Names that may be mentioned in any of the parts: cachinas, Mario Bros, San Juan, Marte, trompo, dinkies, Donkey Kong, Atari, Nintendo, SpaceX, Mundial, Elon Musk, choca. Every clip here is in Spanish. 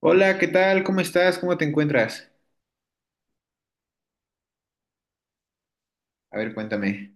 Hola, ¿qué tal? ¿Cómo estás? ¿Cómo te encuentras? A ver, cuéntame.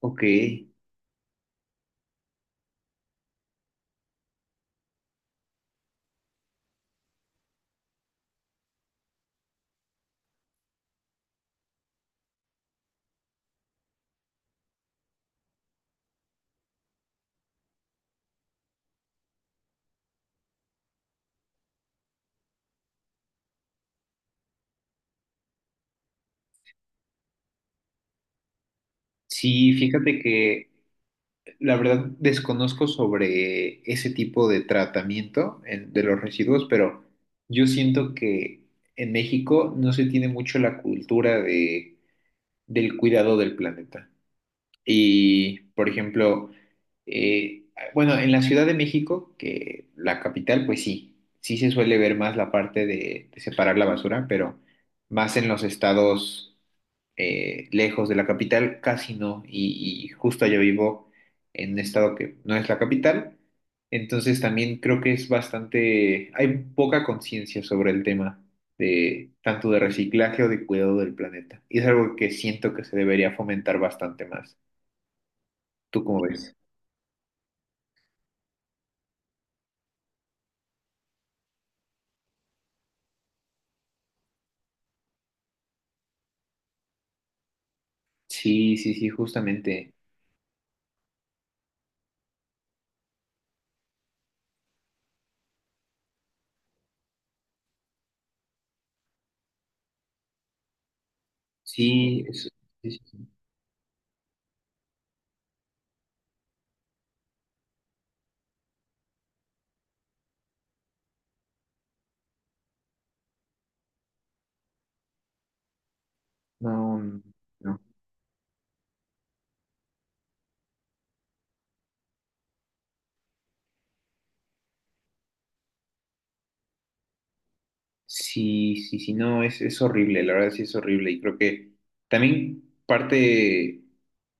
Ok, sí, fíjate que la verdad desconozco sobre ese tipo de tratamiento de los residuos, pero yo siento que en México no se tiene mucho la cultura del cuidado del planeta. Y, por ejemplo, Eh, bueno, en la Ciudad de México, que la capital, pues sí, sí se suele ver más la parte de separar la basura, pero más en los estados lejos de la capital, casi no. Y justo yo vivo en un estado que no es la capital, entonces también creo que es bastante, hay poca conciencia sobre el tema de tanto de reciclaje o de cuidado del planeta. Y es algo que siento que se debería fomentar bastante más. ¿Tú cómo ves? Sí, sí, sí, justamente. Sí, es- sí, sí, sí. No, no. Sí, sí, sí, no, es horrible, la verdad sí es horrible. Y creo que también parte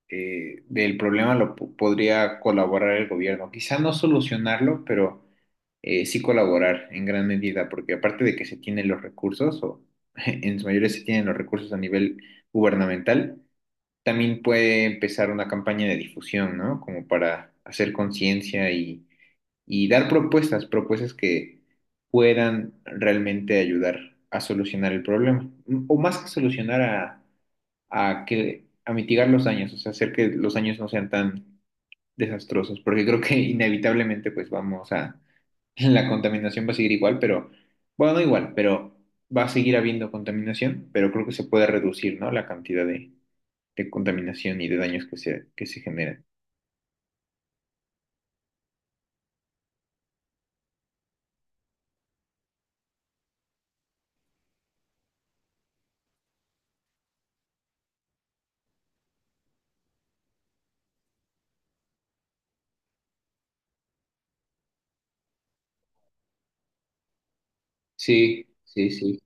del problema podría colaborar el gobierno. Quizá no solucionarlo, pero sí colaborar en gran medida, porque aparte de que se tienen los recursos, o en su mayoría se tienen los recursos a nivel gubernamental, también puede empezar una campaña de difusión, ¿no? Como para hacer conciencia y dar propuestas, propuestas que puedan realmente ayudar a solucionar el problema, o más que solucionar a que, a mitigar los daños, o sea, hacer que los daños no sean tan desastrosos, porque creo que inevitablemente pues vamos a, la contaminación va a seguir igual, pero, bueno, no igual, pero va a seguir habiendo contaminación, pero creo que se puede reducir, ¿no? La cantidad de contaminación y de daños que se generan. Sí, sí, sí.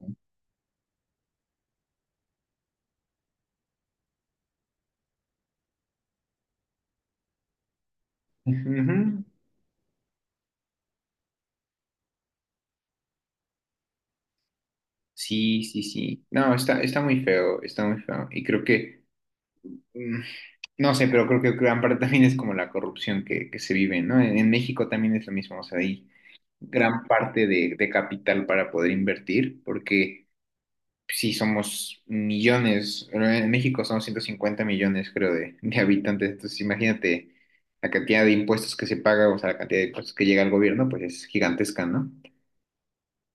Ujú. Sí, sí, sí. No, está, está muy feo, está muy feo. Y creo que, mm, no sé, pero creo que gran parte también es como la corrupción que se vive, ¿no? En México también es lo mismo, o sea, hay gran parte de capital para poder invertir, porque sí somos millones, pero en México son 150 millones, creo, de habitantes. Entonces, imagínate la cantidad de impuestos que se paga, o sea, la cantidad de impuestos que llega al gobierno, pues es gigantesca, ¿no?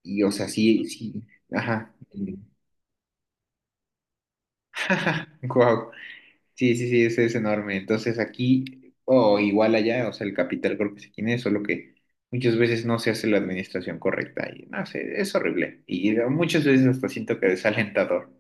Y, o sea, sí, sí, ajá. Wow. Sí, sí, sí, ese es enorme. Entonces, aquí, o igual allá, o sea, el capital creo que se tiene, solo que muchas veces no se hace la administración correcta y no sé, es horrible. Y muchas veces hasta siento que desalentador.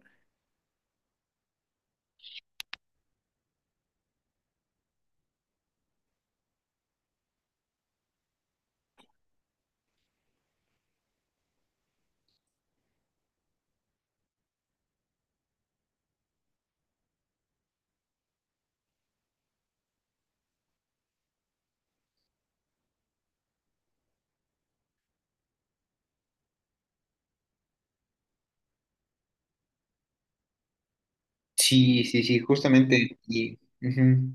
Sí, sí, sí, justamente. Y ujú,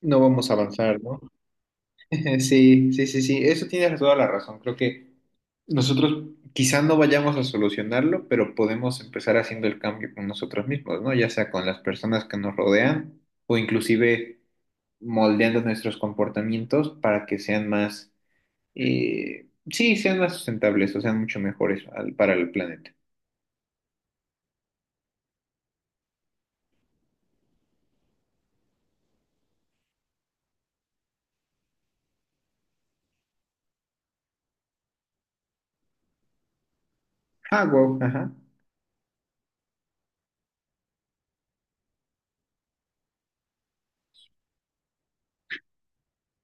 no vamos a avanzar, ¿no? Sí, sí, sí, sí. Eso tienes toda la razón. Creo que nosotros quizás no vayamos a solucionarlo, pero podemos empezar haciendo el cambio con nosotros mismos, ¿no? Ya sea con las personas que nos rodean o inclusive moldeando nuestros comportamientos para que sean más, sí, sean más sustentables o sean mucho mejores para el planeta. Ah, wow, ajá,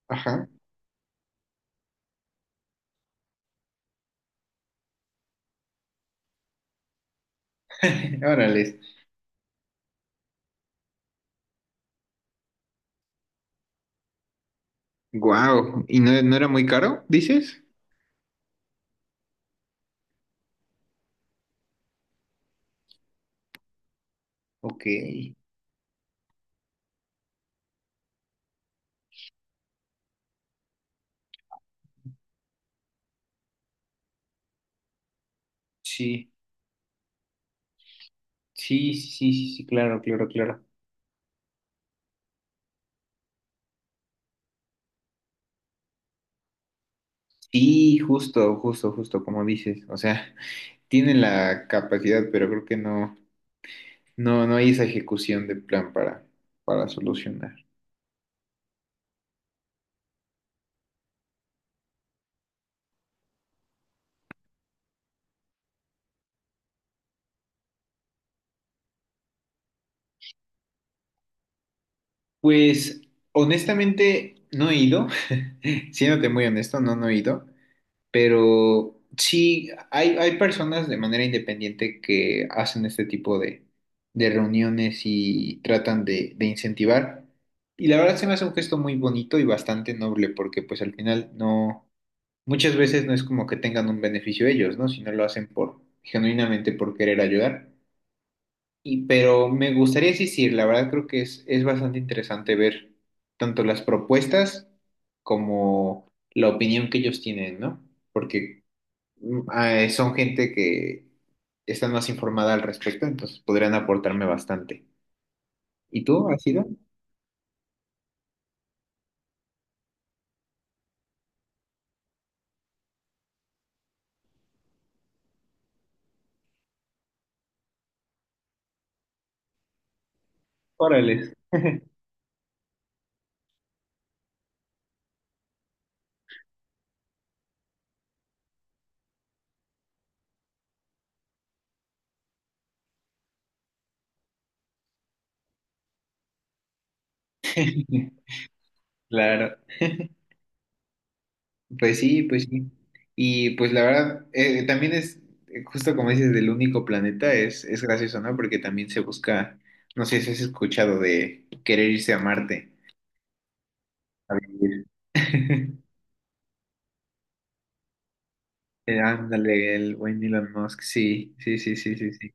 ajá. Órale. Wow. ¿Y no, no era muy caro, dices? Ok, sí, sí, sí, sí, sí, claro, claro, claro. Sí, justo, justo, justo, como dices. O sea, tienen la capacidad, pero creo que no, no, no hay esa ejecución de plan para solucionar. Pues, honestamente, no he ido, siéndote muy honesto, no, no he ido. Pero sí, hay personas de manera independiente que hacen este tipo de reuniones y tratan de incentivar. Y la verdad se me hace un gesto muy bonito y bastante noble, porque pues al final no, muchas veces no es como que tengan un beneficio ellos, ¿no? Sino lo hacen por, genuinamente por querer ayudar. Y, pero me gustaría insistir, la verdad creo que es bastante interesante ver tanto las propuestas como la opinión que ellos tienen, ¿no? Porque son gente que están más informada al respecto, entonces podrían aportarme bastante. ¿Y tú, has ido? Órale. Claro, pues sí, pues sí. Y pues la verdad, también es, justo como dices, del único planeta, es gracioso, ¿no? Porque también se busca, no sé si has escuchado de querer irse a Marte a vivir. Ándale, el buen Elon Musk, sí, sí, sí, sí, sí, sí.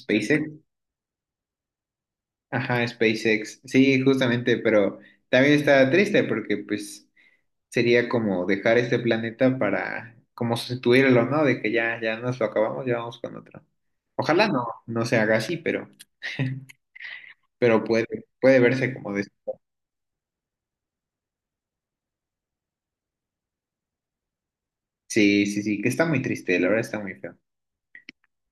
SpaceX. Ajá, SpaceX. Sí, justamente, pero también está triste porque pues sería como dejar este planeta para como sustituirlo, ¿no? De que ya, ya nos lo acabamos, ya vamos con otro. Ojalá no, no se haga así, pero, pero puede, puede verse como de... Sí, sí, sí, que está muy triste, la verdad está muy feo.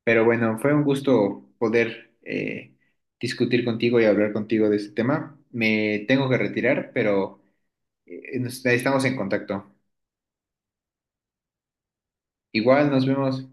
Pero bueno, fue un gusto poder discutir contigo y hablar contigo de este tema. Me tengo que retirar, pero estamos en contacto. Igual nos vemos.